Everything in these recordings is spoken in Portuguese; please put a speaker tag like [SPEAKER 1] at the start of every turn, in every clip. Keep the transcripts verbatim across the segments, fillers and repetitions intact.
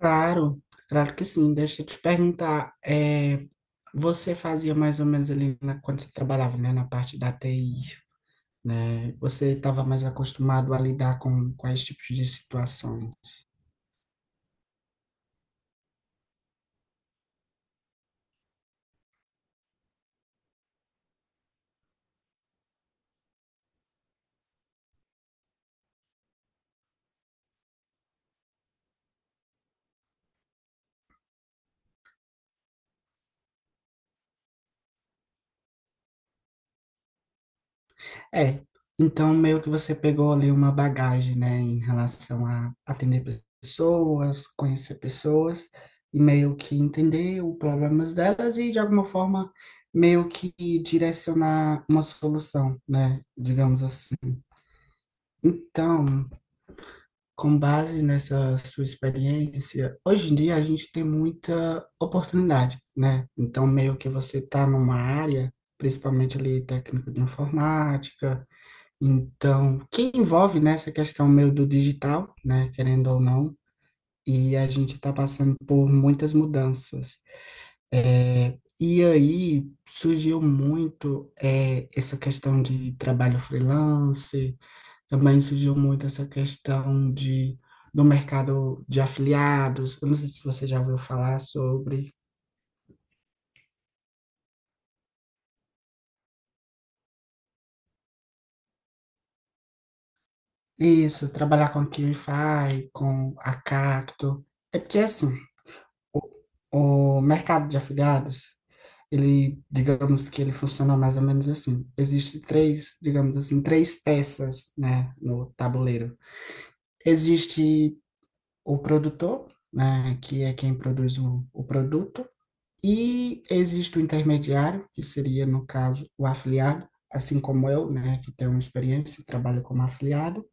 [SPEAKER 1] Claro, claro que sim. Deixa eu te perguntar, é, você fazia mais ou menos ali na- quando você trabalhava, né, na parte da T I, né? Você estava mais acostumado a lidar com quais tipos de situações? É, então meio que você pegou ali uma bagagem, né, em relação a atender pessoas, conhecer pessoas e meio que entender os problemas delas e de alguma forma meio que direcionar uma solução, né, digamos assim. Então, com base nessa sua experiência, hoje em dia a gente tem muita oportunidade, né? Então, meio que você está numa área, principalmente ali técnico de informática, então, que envolve nessa questão meio do digital, né? Querendo ou não, e a gente está passando por muitas mudanças. É, e aí surgiu muito é, essa questão de trabalho freelance também surgiu muito essa questão de, do mercado de afiliados. Eu não sei se você já ouviu falar sobre isso, trabalhar com a Qlify, com a Cacto. É porque, assim, o, o mercado de afiliados, ele, digamos que ele funciona mais ou menos assim. Existe três, digamos assim, três peças, né, no tabuleiro. Existe o produtor, né, que é quem produz o, o produto. E existe o intermediário, que seria, no caso, o afiliado, assim como eu, né, que tem uma experiência e trabalha como afiliado.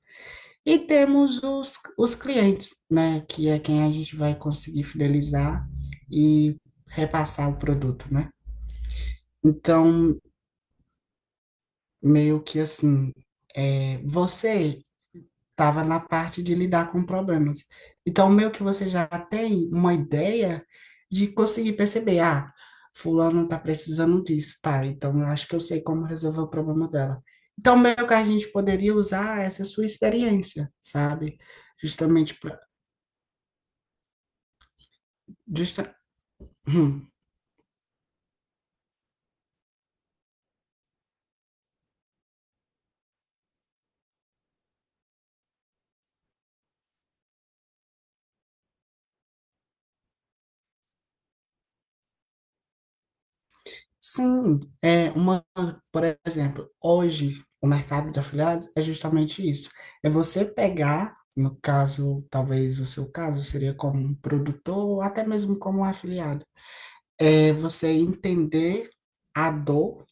[SPEAKER 1] E temos os, os clientes, né, que é quem a gente vai conseguir fidelizar e repassar o produto, né? Então, meio que assim, é, você estava na parte de lidar com problemas. Então, meio que você já tem uma ideia de conseguir perceber, ah, fulano está precisando disso, tá? Então, eu acho que eu sei como resolver o problema dela. Então, meio que a gente poderia usar essa sua experiência, sabe? Justamente para justa sim, é uma, por exemplo, hoje o mercado de afiliados é justamente isso. É você pegar, no caso, talvez o seu caso seria como um produtor, ou até mesmo como um afiliado, é você entender a dor,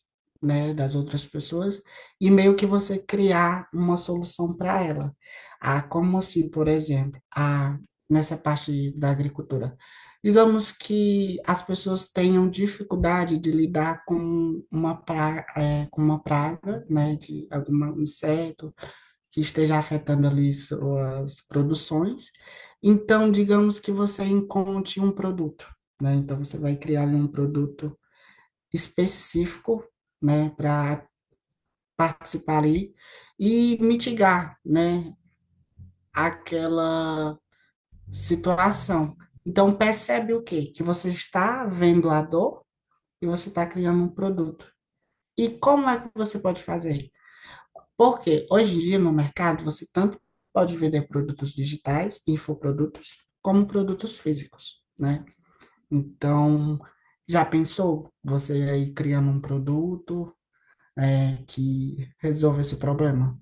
[SPEAKER 1] né, das outras pessoas e meio que você criar uma solução para ela. Ah, como assim, por exemplo, a, nessa parte da agricultura, digamos que as pessoas tenham dificuldade de lidar com uma praga, é, com uma praga, né, de algum inseto que esteja afetando ali suas produções. Então, digamos que você encontre um produto, então, você vai criar um produto específico, né, para participar ali e mitigar, né, aquela situação. Então, percebe o quê? Que você está vendo a dor e você está criando um produto. E como é que você pode fazer? Porque hoje em dia no mercado você tanto pode vender produtos digitais, infoprodutos, como produtos físicos, né? Então, já pensou você aí criando um produto é, que resolve esse problema.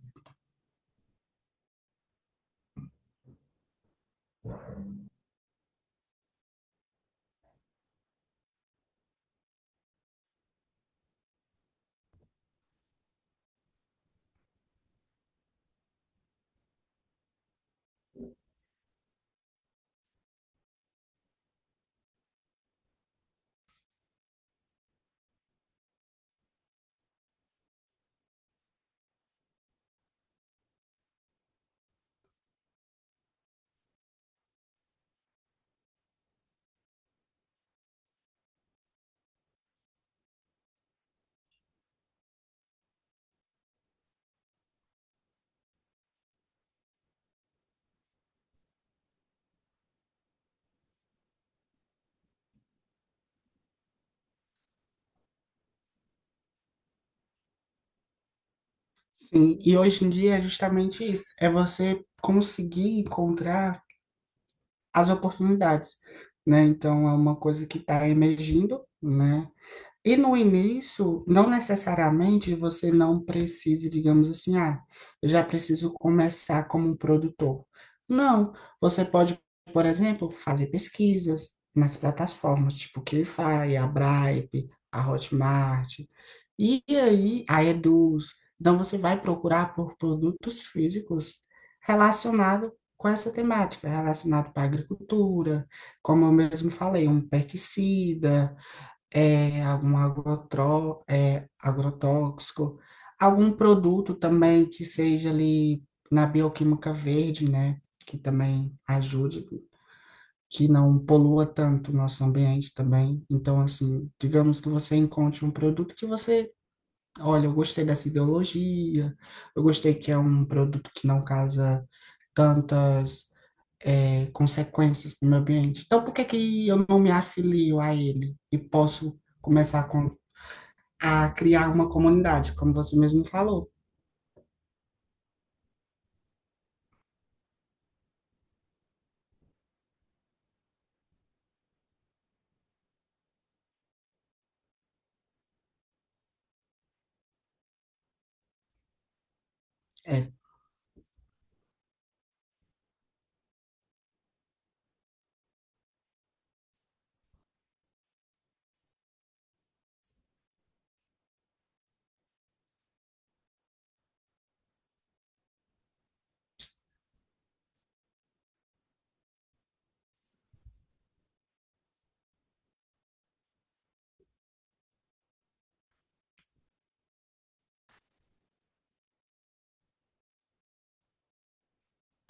[SPEAKER 1] Sim, e hoje em dia é justamente isso, é você conseguir encontrar as oportunidades, né? Então é uma coisa que está emergindo, né? E no início, não necessariamente você não precisa, digamos assim, ah, eu já preciso começar como um produtor. Não, você pode, por exemplo, fazer pesquisas nas plataformas, tipo QuiFi, a Bripe, a Hotmart, e aí, a Eduz. Então você vai procurar por produtos físicos relacionados com essa temática, relacionado para a agricultura, como eu mesmo falei, um pesticida, é, algum agrotró, é, agrotóxico, algum produto também que seja ali na bioquímica verde, né? Que também ajude, que não polua tanto o nosso ambiente também. Então, assim, digamos que você encontre um produto que você, olha, eu gostei dessa ideologia, eu gostei que é um produto que não causa tantas é, consequências para o meio ambiente. Então, por que que eu não me afilio a ele e posso começar com- a criar uma comunidade, como você mesmo falou? É,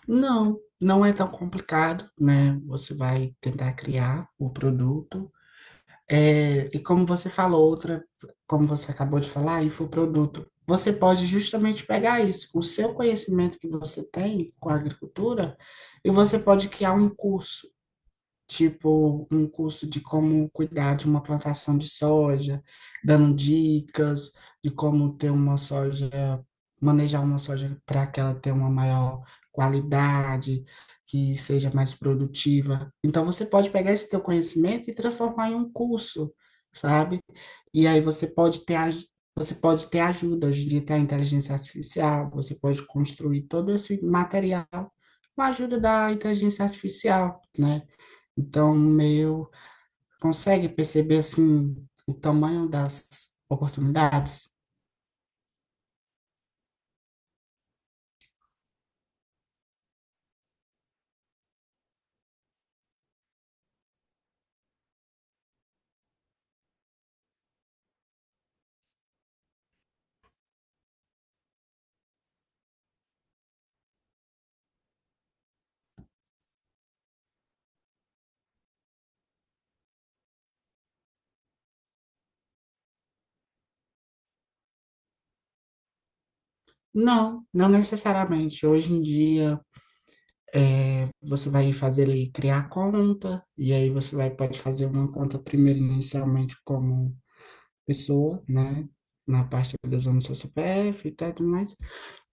[SPEAKER 1] não, não é tão complicado, né? Você vai tentar criar o produto. É, e como você falou, outra, como você acabou de falar, infoproduto. Você pode justamente pegar isso, o seu conhecimento que você tem com a agricultura, e você pode criar um curso, tipo um curso de como cuidar de uma plantação de soja, dando dicas de como ter uma soja, manejar uma soja para que ela tenha uma maior qualidade, que seja mais produtiva. Então você pode pegar esse teu conhecimento e transformar em um curso, sabe? E aí você pode ter aj- Você pode ter ajuda, hoje em dia tem a inteligência artificial, você pode construir todo esse material com a ajuda da inteligência artificial, né? Então, meu, consegue perceber assim o tamanho das oportunidades? Não, não necessariamente. Hoje em dia, é, você vai fazer ali, criar conta, e aí você vai, pode fazer uma conta primeiro inicialmente como pessoa, né? Na parte dos anos do seu C P F e tal, e tudo mais.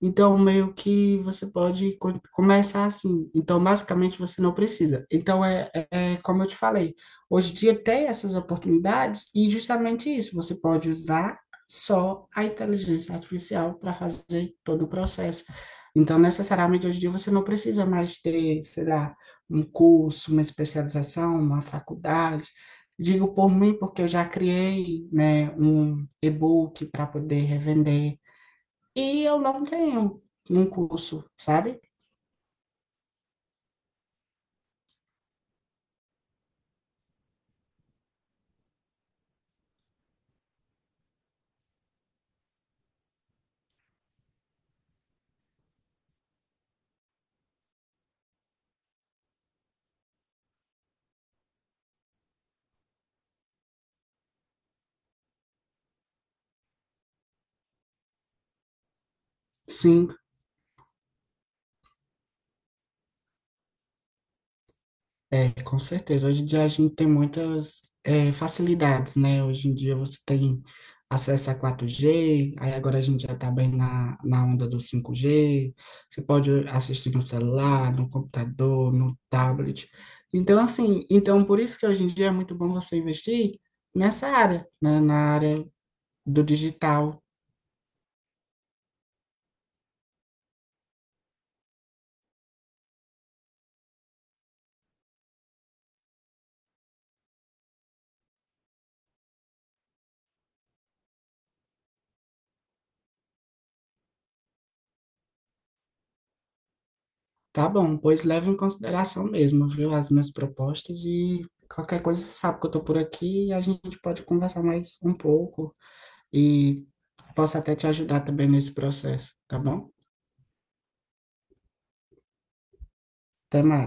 [SPEAKER 1] Então, meio que você pode co- começar assim. Então, basicamente, você não precisa. Então, é, é é como eu te falei, hoje em dia tem essas oportunidades e justamente isso, você pode usar só a inteligência artificial para fazer todo o processo. Então, necessariamente, hoje em dia você não precisa mais ter, sei lá, um curso, uma especialização, uma faculdade. Digo por mim, porque eu já criei, né, um e-book para poder revender. E eu não tenho um curso, sabe? Sim, é, com certeza. Hoje em dia a gente tem muitas é, facilidades, né? Hoje em dia você tem acesso a quatro G, aí agora a gente já está bem na, na onda do cinco G, você pode assistir no celular, no computador, no tablet. Então, assim, então por isso que hoje em dia é muito bom você investir nessa área, né? Na área do digital. Tá bom, pois leva em consideração mesmo, viu, as minhas propostas e qualquer coisa você sabe que eu tô por aqui e a gente pode conversar mais um pouco e posso até te ajudar também nesse processo, tá bom? Até mais.